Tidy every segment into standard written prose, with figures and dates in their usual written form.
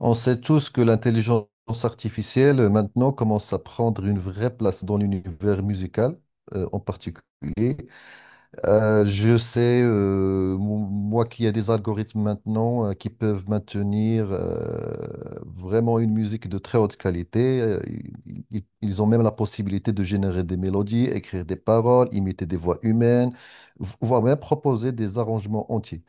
On sait tous que l'intelligence artificielle maintenant commence à prendre une vraie place dans l'univers musical en particulier. Je sais, moi, qu'il y a des algorithmes maintenant qui peuvent maintenir vraiment une musique de très haute qualité. Ils ont même la possibilité de générer des mélodies, écrire des paroles, imiter des voix humaines, voire même proposer des arrangements entiers.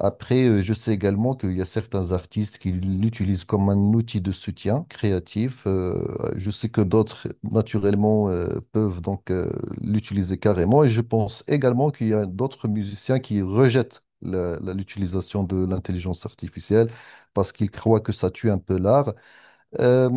Après, je sais également qu'il y a certains artistes qui l'utilisent comme un outil de soutien créatif. Je sais que d'autres, naturellement, peuvent donc l'utiliser carrément. Et je pense également qu'il y a d'autres musiciens qui rejettent l'utilisation de l'intelligence artificielle parce qu'ils croient que ça tue un peu l'art. Euh,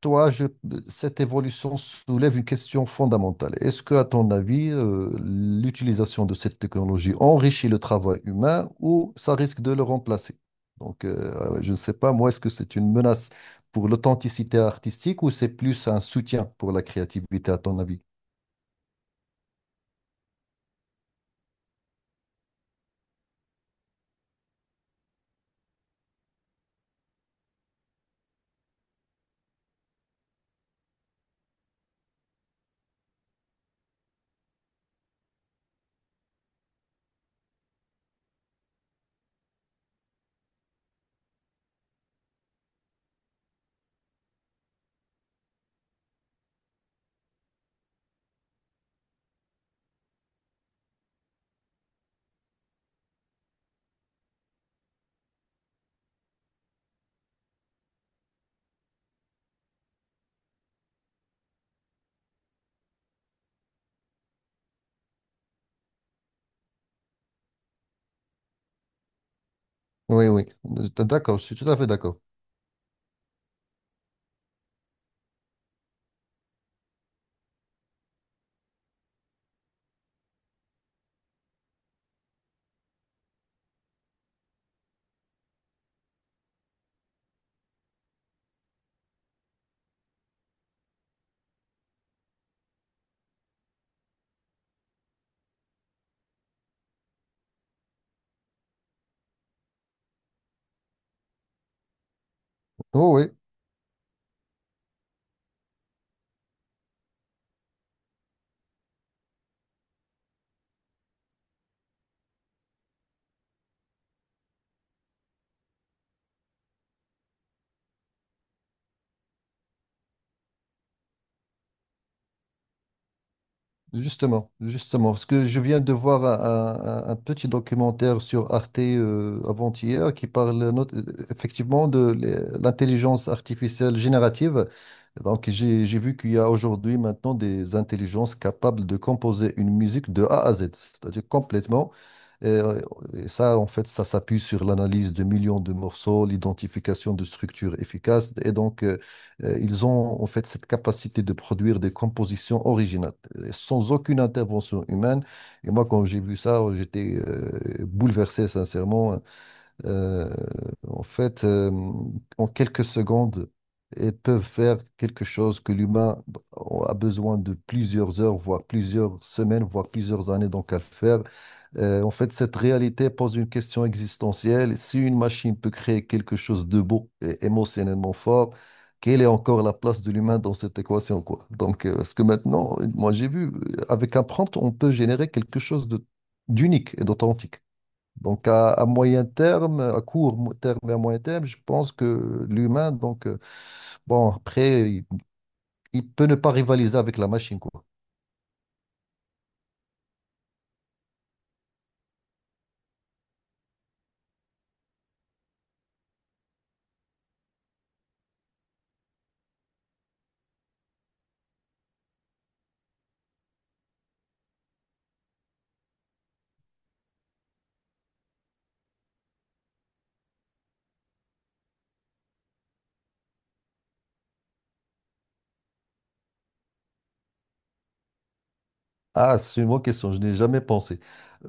toi, je- Cette évolution soulève une question fondamentale. Est-ce que, à ton avis, l'utilisation de cette technologie enrichit le travail humain ou ça risque de le remplacer? Donc, je ne sais pas, moi, est-ce que c'est une menace pour l'authenticité artistique ou c'est plus un soutien pour la créativité, à ton avis? Oui, oui, d'accord, je suis tout à fait d'accord. Oh, oui. Justement, justement, parce que je viens de voir un petit documentaire sur Arte avant-hier qui parle effectivement de l'intelligence artificielle générative. Donc, j'ai vu qu'il y a aujourd'hui maintenant des intelligences capables de composer une musique de A à Z, c'est-à-dire complètement. Et, euh, et ça, en fait, ça s'appuie sur l'analyse de millions de morceaux, l'identification de structures efficaces. Et donc, ils ont en fait cette capacité de produire des compositions originales, sans aucune intervention humaine. Et moi, quand j'ai vu ça, j'étais bouleversé, sincèrement. Euh, en fait, euh, En quelques secondes, ils peuvent faire quelque chose que l'humain a besoin de plusieurs heures, voire plusieurs semaines, voire plusieurs années donc à le faire. En fait, cette réalité pose une question existentielle. Si une machine peut créer quelque chose de beau et émotionnellement fort, quelle est encore la place de l'humain dans cette équation, quoi? Donc, parce que maintenant, moi, j'ai vu, avec un prompt, on peut générer quelque chose de, d'unique et d'authentique. Donc, à moyen terme, à court mo- terme et à moyen terme, je pense que l'humain, donc, bon, après, il peut ne pas rivaliser avec la machine, quoi. Ah, c'est une bonne question, je n'ai jamais pensé.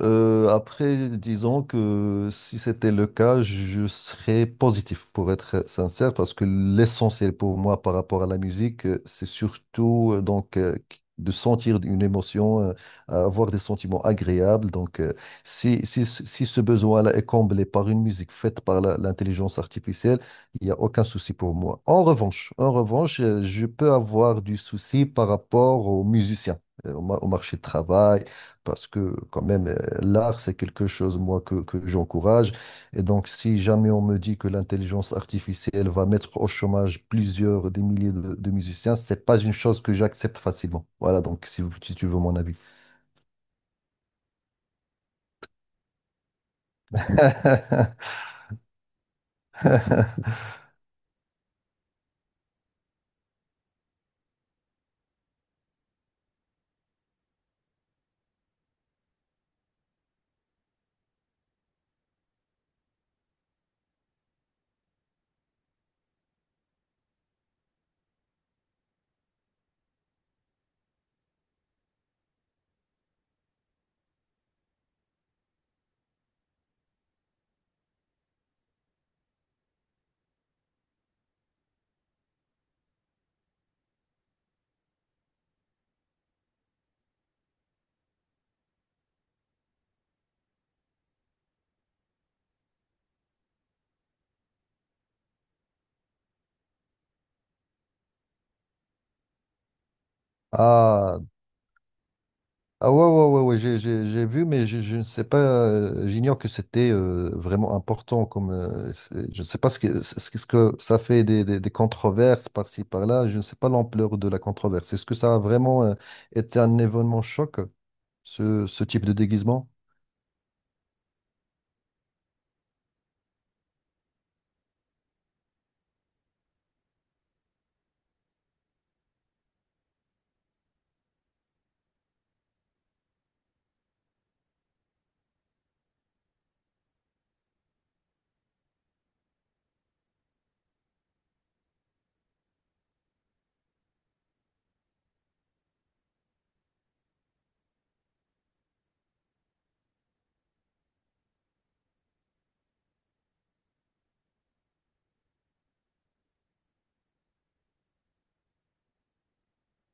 Après, disons que si c'était le cas, je serais positif, pour être sincère, parce que l'essentiel pour moi par rapport à la musique, c'est surtout de sentir une émotion, avoir des sentiments agréables. Donc, si ce besoin-là est comblé par une musique faite par l'intelligence artificielle, il n'y a aucun souci pour moi. En revanche, je peux avoir du souci par rapport aux musiciens au marché de travail, parce que quand même, l'art, c'est quelque chose, moi, que j'encourage. Et donc, si jamais on me dit que l'intelligence artificielle va mettre au chômage plusieurs des milliers de musiciens, c'est pas une chose que j'accepte facilement. Voilà, donc, si tu veux mon avis. Ah, ah ouais, ouais, ouais, ouais, j'ai vu, mais je ne sais pas, j'ignore que c'était vraiment important comme, je ne sais pas ce que, ce que ça fait des, des controverses par-ci, par-là, je ne sais pas l'ampleur de la controverse. Est-ce que ça a vraiment été un événement choc, ce type de déguisement?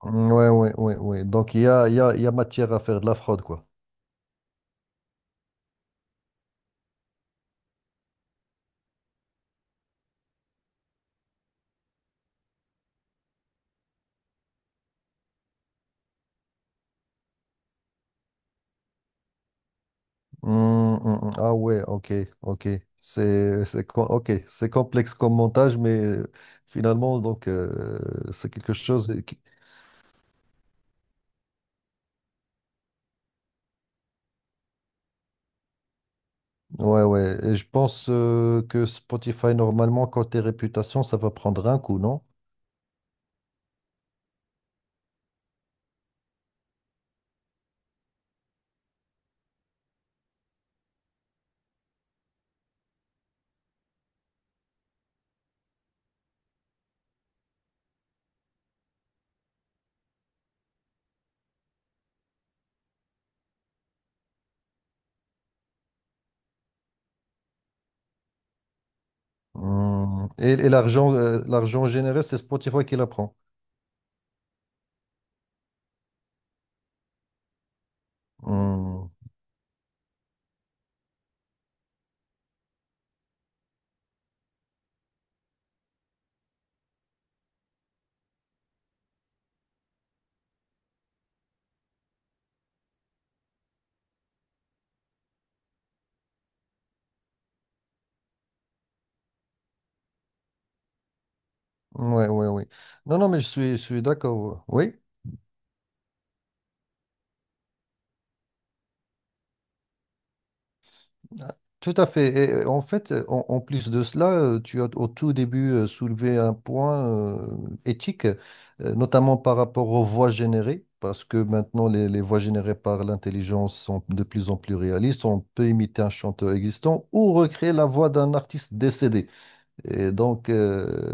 Ouais, ouais, ouais, ouais. Donc il y a matière à faire de la fraude, quoi. Ah ouais, ok, ok. Ok, c'est complexe comme montage, mais finalement, donc, c'est quelque chose ouais, ouais. Et je pense que Spotify, normalement, côté réputation, ça va prendre un coup, non? Hum. Et l'argent, l'argent généré, c'est Spotify qui la prend. Hum. Ouais, ouais, oui. Non, non, mais je suis d'accord. Ouais. Oui? Tout à fait. Et en fait, en plus de cela, tu as au tout début soulevé un point éthique, notamment par rapport aux voix générées, parce que maintenant les voix générées par l'intelligence sont de plus en plus réalistes. On peut imiter un chanteur existant ou recréer la voix d'un artiste décédé. Et donc,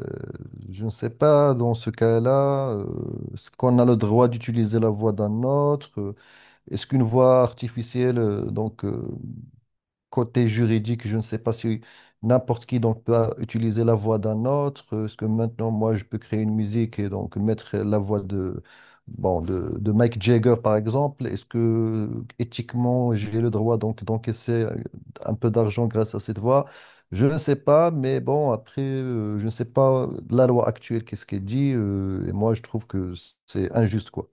je ne sais pas dans ce cas-là, est-ce qu'on a le droit d'utiliser la voix d'un autre? Est-ce qu'une voix artificielle, côté juridique, je ne sais pas si n'importe qui donc peut utiliser la voix d'un autre. Est-ce que maintenant, moi, je peux créer une musique et donc mettre la voix de, bon, de Mick Jagger, par exemple? Est-ce que éthiquement, j'ai le droit donc d'encaisser un peu d'argent grâce à cette voix? Je ne sais pas, mais bon, après, je ne sais pas la loi actuelle, qu'est-ce qu'elle dit, et moi, je trouve que c'est injuste, quoi.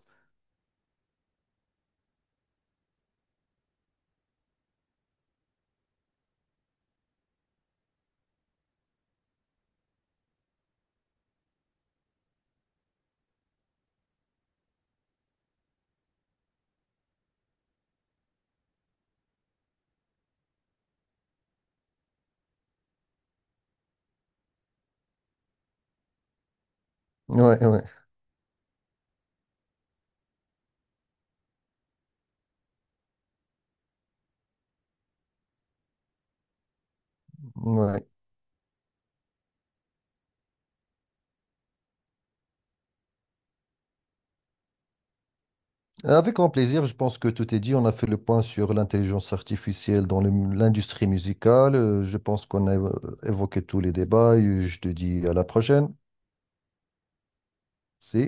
Ouais, ouais, ouais. Avec grand plaisir, je pense que tout est dit. On a fait le point sur l'intelligence artificielle dans l'industrie musicale. Je pense qu'on a évoqué tous les débats. Et je te dis à la prochaine. Si.